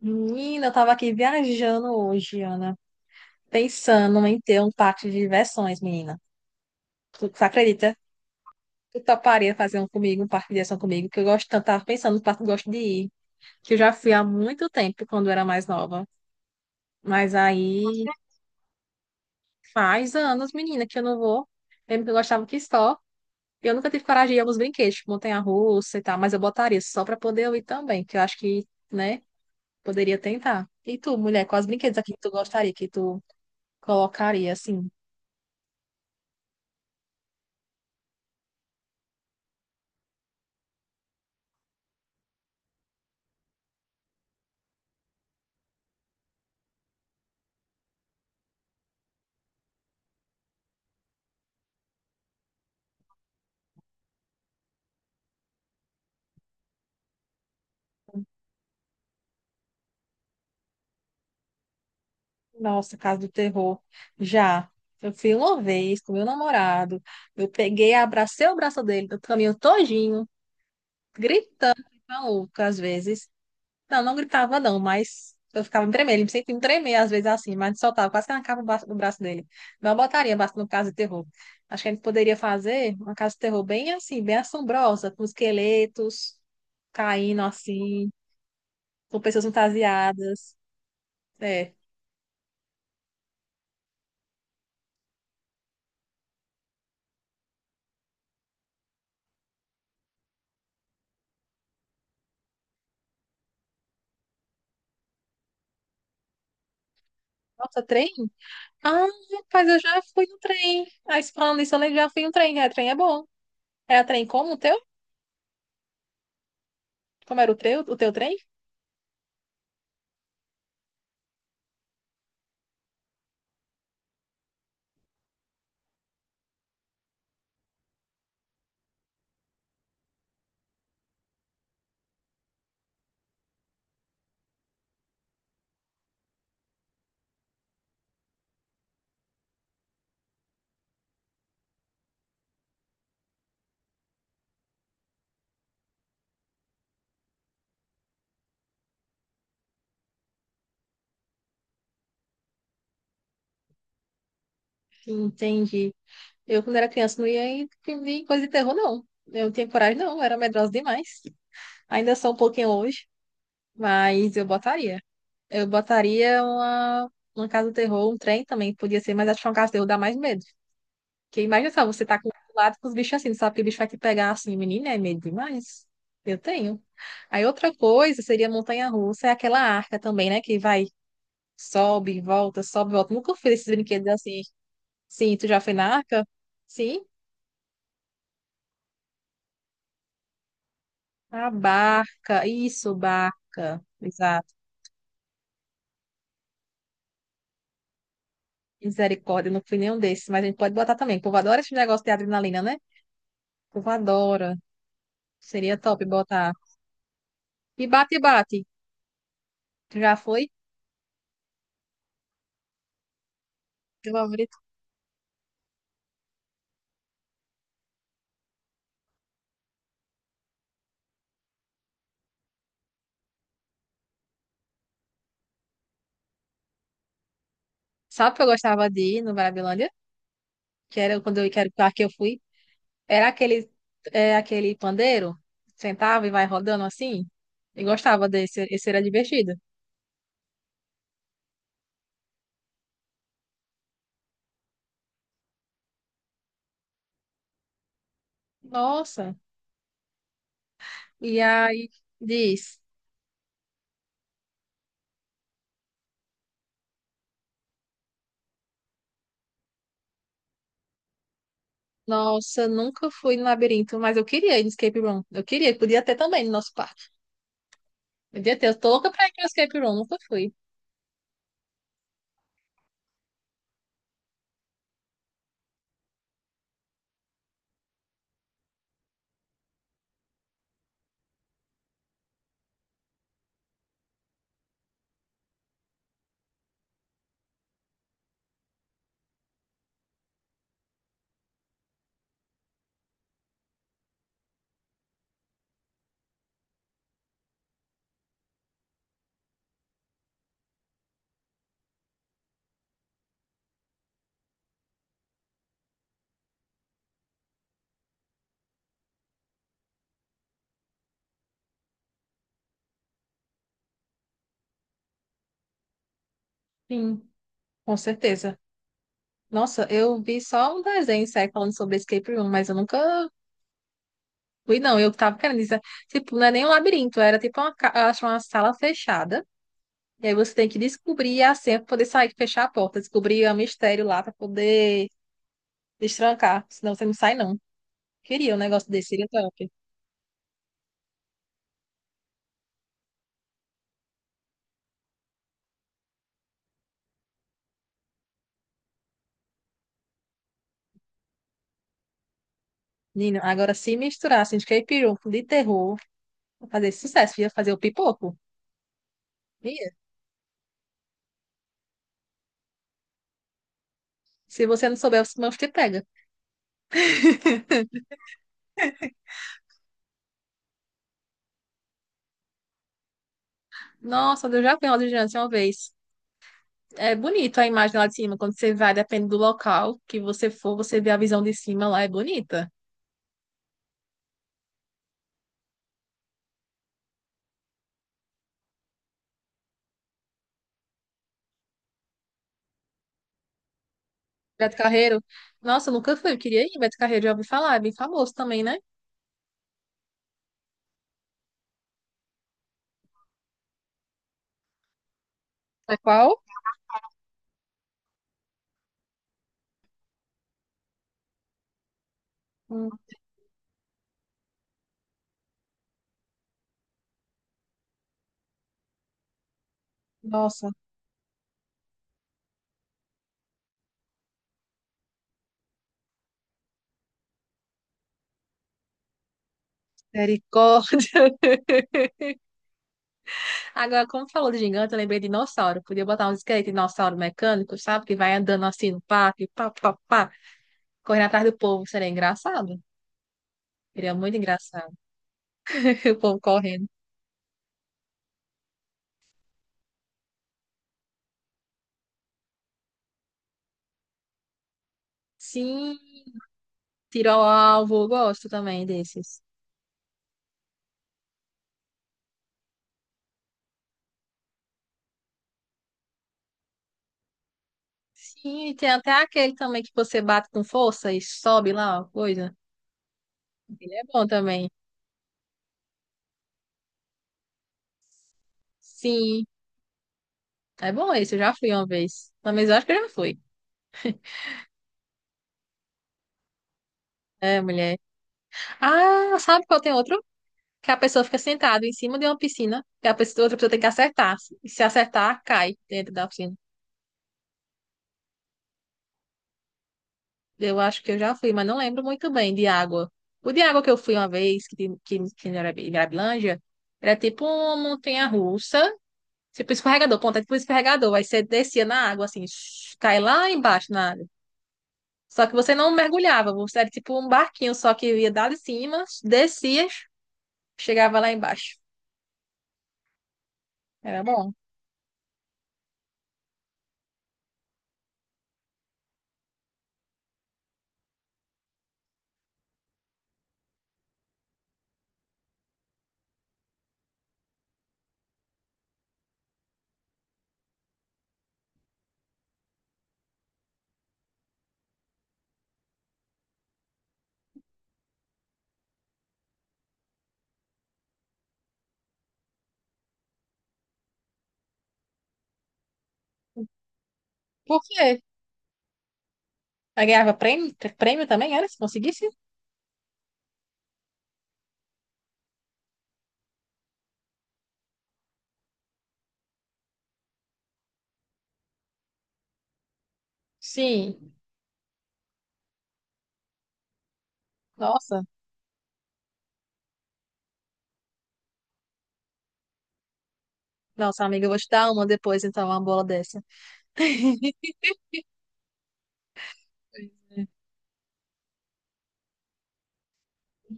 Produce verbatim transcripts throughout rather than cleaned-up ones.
Menina, eu tava aqui viajando hoje, Ana, pensando em ter um parque de diversões, menina. Tu, tu acredita? Tu toparia fazer um comigo, um parque de diversão comigo, que eu gosto tanto, tava pensando no parque que eu gosto de ir, que eu já fui há muito tempo, quando eu era mais nova. Mas aí faz anos, menina, que eu não vou. Lembro que eu gostava que só. Eu nunca tive coragem de ir a alguns brinquedos, tipo montanha-russa e tal, mas eu botaria só pra poder eu ir também, que eu acho que, né, poderia tentar. E tu, mulher, quais brinquedos aqui que tu gostaria, que tu colocaria, assim? Nossa, Casa do Terror. Já. Eu fui uma vez com meu namorado. Eu peguei, abracei o braço dele do caminho todinho, gritando, maluco, às vezes. Não, não gritava não, mas eu ficava me tremendo. Ele me sentia me tremer às vezes assim, mas soltava, quase que arrancava o braço o braço dele. Não botaria braço no Casa do Terror. Acho que a gente poderia fazer uma Casa do Terror bem assim, bem assombrosa, com esqueletos caindo assim, com pessoas fantasiadas. É. Nossa, trem? Ah, rapaz, eu já fui no trem. Aí, se falando nisso, eu lembro, já fui no trem. É, trem é bom. Era trem como o teu? Como era o teu, o teu trem? Entendi. Eu, quando era criança, não ia em, em coisa de terror, não. Eu não tinha coragem, não. Eu era medrosa demais. Ainda sou um pouquinho hoje, mas eu botaria. Eu botaria uma, uma casa do terror, um trem também, podia ser, mas acho que uma casa do terror dá mais medo. Porque imagina só, você tá com do lado com os bichos assim, sabe que o bicho vai te pegar assim, menina, é medo demais. Eu tenho. Aí outra coisa seria montanha-russa, é aquela arca também, né? Que vai, sobe, volta, sobe, volta. Nunca fiz esses brinquedos assim. Sim, tu já foi na arca? Sim? A barca, isso, barca. Exato. Misericórdia, eu não fui nenhum desses, mas a gente pode botar também. O povo adora esse negócio de adrenalina, né? O povo adora. Seria top botar. E bate, bate. Tu já foi? Meu favorito. Sabe o que eu gostava de ir no Marabilândia? Que era quando eu, quero parque que eu fui, era aquele, é, aquele pandeiro, sentava e vai rodando assim. Eu gostava desse, esse era divertido. Nossa, e aí diz, nossa, nunca fui no labirinto, mas eu queria ir no escape room. Eu queria, podia ter também no nosso parque. Podia ter, eu tô louca pra ir no escape room, nunca fui. Sim, com certeza. Nossa, eu vi só um desenho, sério, falando sobre escape room, mas eu nunca fui, não. Eu tava querendo dizer, tipo, não é nem um labirinto, era tipo uma, ca- eu acho uma sala fechada. E aí você tem que descobrir a senha para poder sair, fechar a porta, descobrir o mistério lá para poder destrancar, senão você não sai não. Queria um negócio desse, seria top. Nino, agora se misturasse escape room de terror, ia fazer sucesso, ia fazer o pipoco. Ia. Se você não souber, os mãos te pega. Nossa, eu já vi uma audiência uma vez. É bonito a imagem lá de cima, quando você vai, depende do local que você for, você vê a visão de cima lá, é bonita. Beto Carreiro, nossa, eu nunca fui, eu queria ir, Beto Carreiro, já ouvi falar, é bem famoso também, né? É qual? Nossa, misericórdia. Agora, como falou de gigante, eu lembrei de dinossauro. Podia botar uns esqueletos de dinossauro mecânico, sabe? Que vai andando assim no parque, pá, pá, pá, correndo atrás do povo. Seria engraçado. Seria muito engraçado. O povo correndo. Sim, tiro ao alvo. Eu gosto também desses. Sim, tem até aquele também que você bate com força e sobe lá, ó, coisa. Ele é bom também. Sim, é bom esse. Eu já fui uma vez. Mas eu acho que eu já fui. É, mulher. Ah, sabe qual tem outro? Que a pessoa fica sentada em cima de uma piscina, que a pessoa- outra pessoa tem que acertar. E se acertar, cai dentro da piscina. Eu acho que eu já fui, mas não lembro muito bem de água. O de água que eu fui uma vez, que, tem- que, que era em Mirabilândia, era tipo uma montanha-russa, tipo escorregador, ponta, tipo escorregador. Aí você descia na água, assim, shh, cai lá embaixo na água. Só que você não mergulhava, você era tipo um barquinho, só que ia dar de cima, descia, chegava lá embaixo. Era bom. Por quê? Aí ganhava prêmio, prêmio também, era? Se conseguisse? Sim. Nossa. Nossa, amiga, eu vou te dar uma depois, então, uma bola dessa. Ih,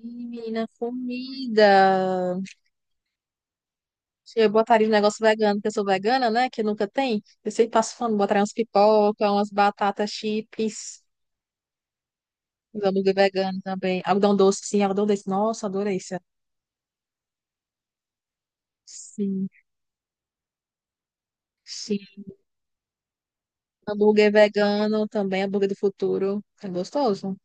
menina, comida. Eu botaria um negócio vegano, porque eu sou vegana, né? Que nunca tem. Eu sempre passo fome, botaria uns pipoca, umas batatas chips, uns hambúrguer vegano também. Algodão doce, sim, algodão doce. Nossa, adorei isso. Sim, sim. Hambúrguer vegano também, hambúrguer do futuro. É gostoso.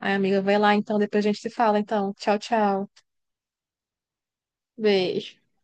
Ai, amiga, vai lá então, depois a gente se fala, então. Tchau, tchau. Beijo.